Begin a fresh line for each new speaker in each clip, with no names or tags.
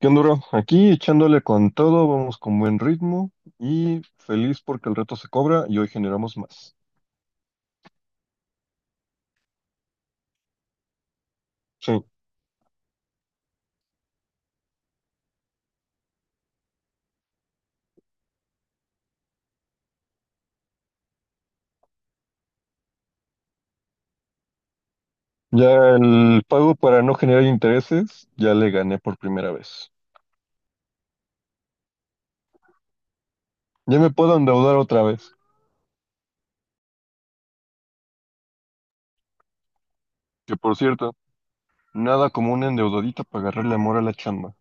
¿Qué onda, bro? Aquí echándole con todo, vamos con buen ritmo y feliz porque el reto se cobra y hoy generamos más. Sí, ya el pago para no generar intereses ya le gané por primera vez. Ya me puedo endeudar otra vez. Que por cierto, nada como una endeudadita para agarrarle amor a la chamba.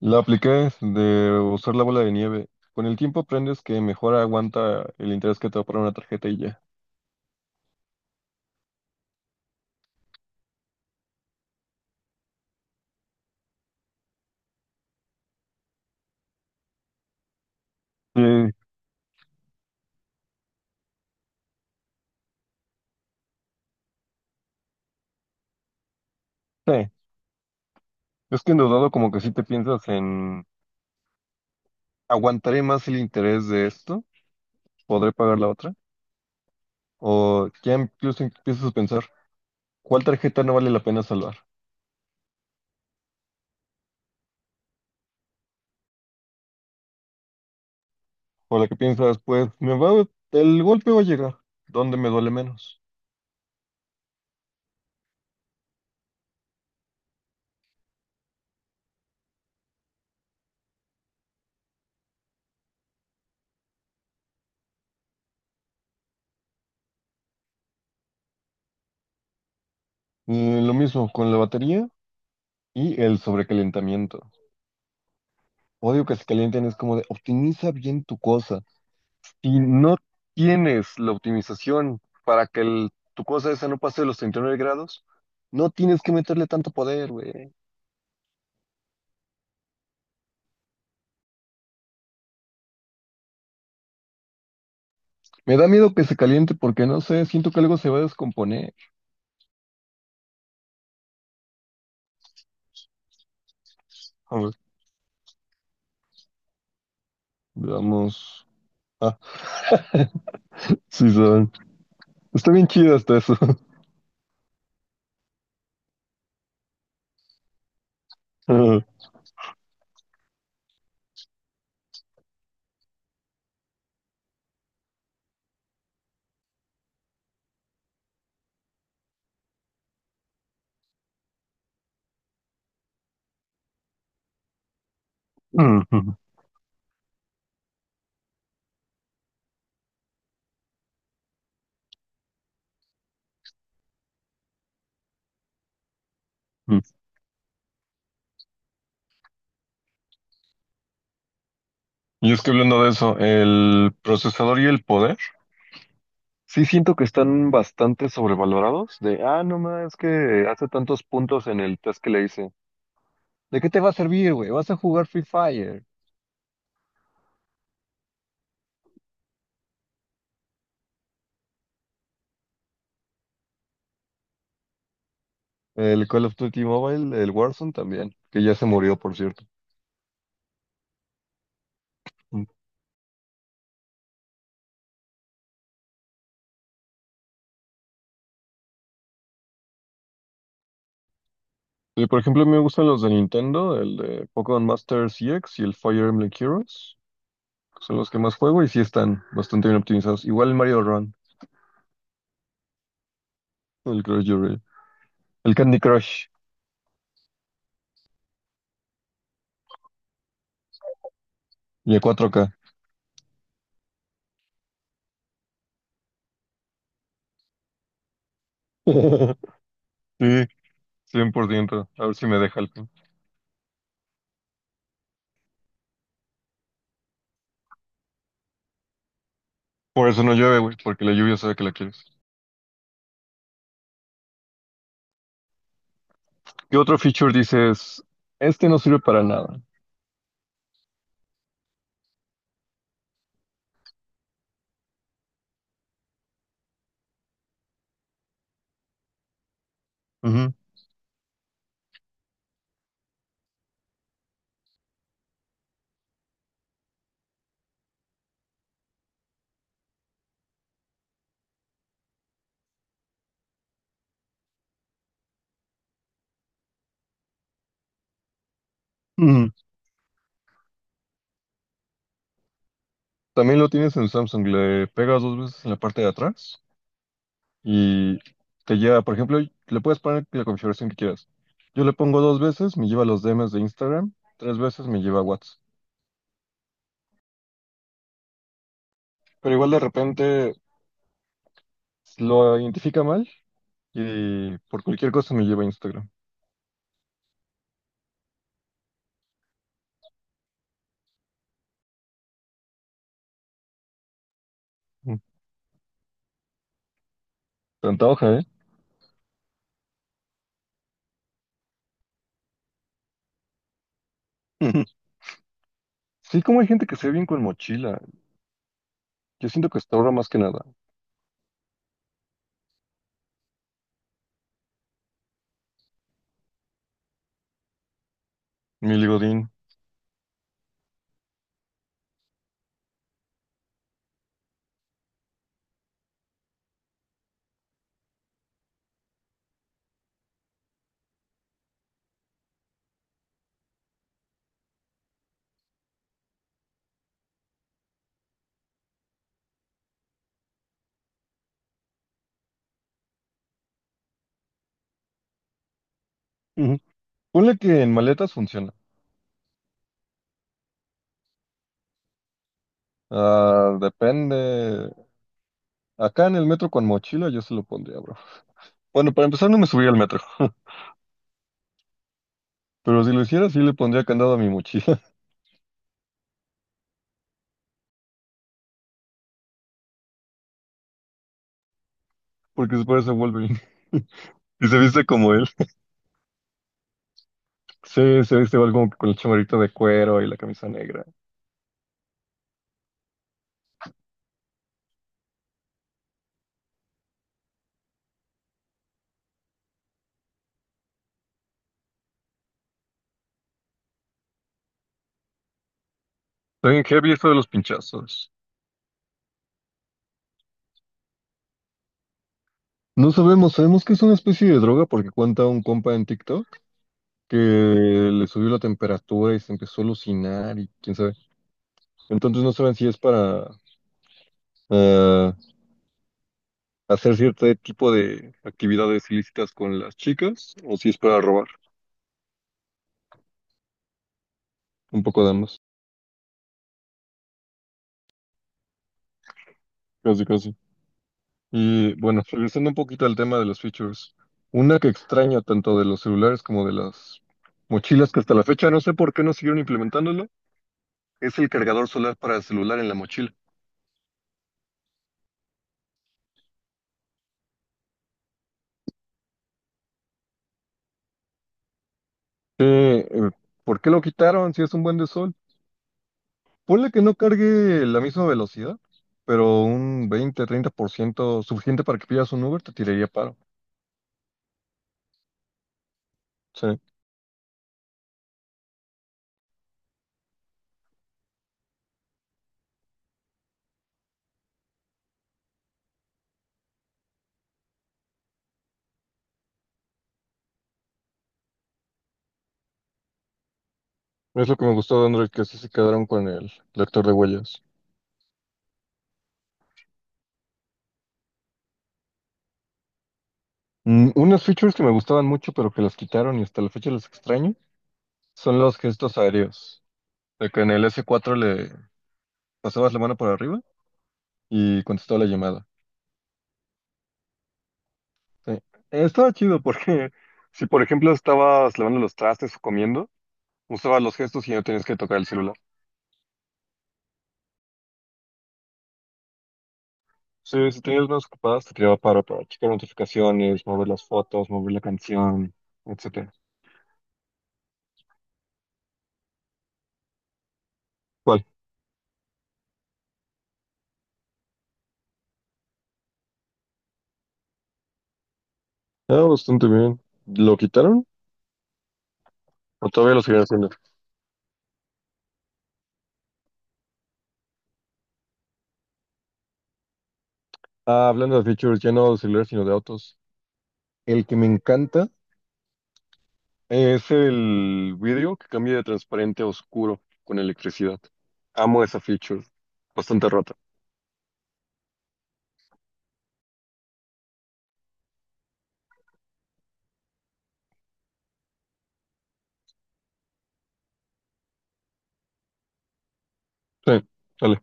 La apliqué de usar la bola de nieve. Con el tiempo aprendes que mejor aguanta el interés que te va a poner una tarjeta y ya. Sí, sí. Es que endeudado como que sí te piensas en ¿aguantaré más el interés de esto podré pagar la otra? ¿O ya incluso empiezas a pensar cuál tarjeta no vale la pena salvar? O la que piensas, pues me va, el golpe va a llegar, ¿dónde me duele menos? Y lo mismo con la batería y el sobrecalentamiento. Odio que se calienten, es como de optimiza bien tu cosa. Si no tienes la optimización para que el- tu cosa esa no pase de los 39 grados, no tienes que meterle tanto poder, güey. Me da miedo que se caliente porque no sé, siento que algo se va a descomponer. A ver, veamos. Ah, sí, saben. Está bien chido hasta eso. Y es que hablando de eso, el procesador y el poder, sí siento que están bastante sobrevalorados. De, no más, es que hace tantos puntos en el test que le hice. ¿De qué te va a servir, güey? ¿Vas a jugar Free Fire? El Call of Duty Mobile, el Warzone también, que ya se murió, por cierto. Sí, por ejemplo, me gustan los de Nintendo, el de Pokémon Master CX y el Fire Emblem Heroes, que son los que más juego y sí están bastante bien optimizados. Igual el Mario Run. El Crush Your- El Candy Crush. Y a 4K. Sí, 100%. A ver si me deja el pin. Por eso no llueve, güey, porque la lluvia sabe que la quieres. ¿Qué otro feature dices? Este no sirve para nada. Ujú. Ujú. También lo tienes en Samsung. Le pegas dos veces en la parte de atrás y te lleva, por ejemplo, le puedes poner la configuración que quieras. Yo le pongo dos veces, me lleva a los DMs de Instagram, tres veces me lleva a WhatsApp. Pero igual de repente lo identifica mal y por cualquier cosa me lleva a Instagram. Mm. Te antoja, ¿eh? Sí, como hay gente que se ve bien con mochila. Yo siento que hasta ahora más que nada. Mi ligodín. Ujú. Ponle que en maletas funciona. Ah, depende. Acá en el metro con mochila yo se lo pondría, bro. Bueno, para empezar no me subiría al metro. Pero si lo hiciera, sí le pondría candado a mi mochila. Porque se parece a Wolverine. Y se viste como él. Sí, se viste igual como que con el chamarrito de cuero y la camisa negra. Está bien heavy esto de los pinchazos. No sabemos, sabemos que es una especie de droga porque cuenta un compa en TikTok. Que le subió la temperatura y se empezó a alucinar y quién sabe. Entonces no saben si es para ah, hacer cierto tipo de actividades ilícitas con las chicas o si es para robar. Un poco de ambas, casi casi. Y bueno, regresando un poquito al tema de los features, una que extraño tanto de los celulares como de las mochilas que hasta la fecha no sé por qué no siguieron implementándolo, es el cargador solar para el celular en la mochila. Eh, eh, ¿por qué lo quitaron si es un buen de sol? Ponle que no cargue la misma velocidad, pero un 20, 30% suficiente para que pidas un Uber te tiraría paro. Sí, es lo que me gustó de Android, que así se quedaron con el lector de huellas. Unas features que me gustaban mucho, pero que las quitaron y hasta la fecha las extraño, son los gestos aéreos. De que en el S4 le pasabas la mano por arriba y contestaba la llamada. Sí. Estaba chido porque si, por ejemplo, estabas lavando los trastes o comiendo, usabas los gestos y no tenías que tocar el celular. Sí, si tenías manos ocupadas, te tiraba paro para checar notificaciones, mover las fotos, mover la canción, etcétera. ¿Cuál? Ah, bastante bien. ¿Lo quitaron? ¿O todavía lo siguen haciendo? Ah, hablando de features, ya no de celulares, sino de autos. El que me encanta es el vidrio que cambia de transparente a oscuro con electricidad. Amo esa feature. Bastante rota. Sí, dale.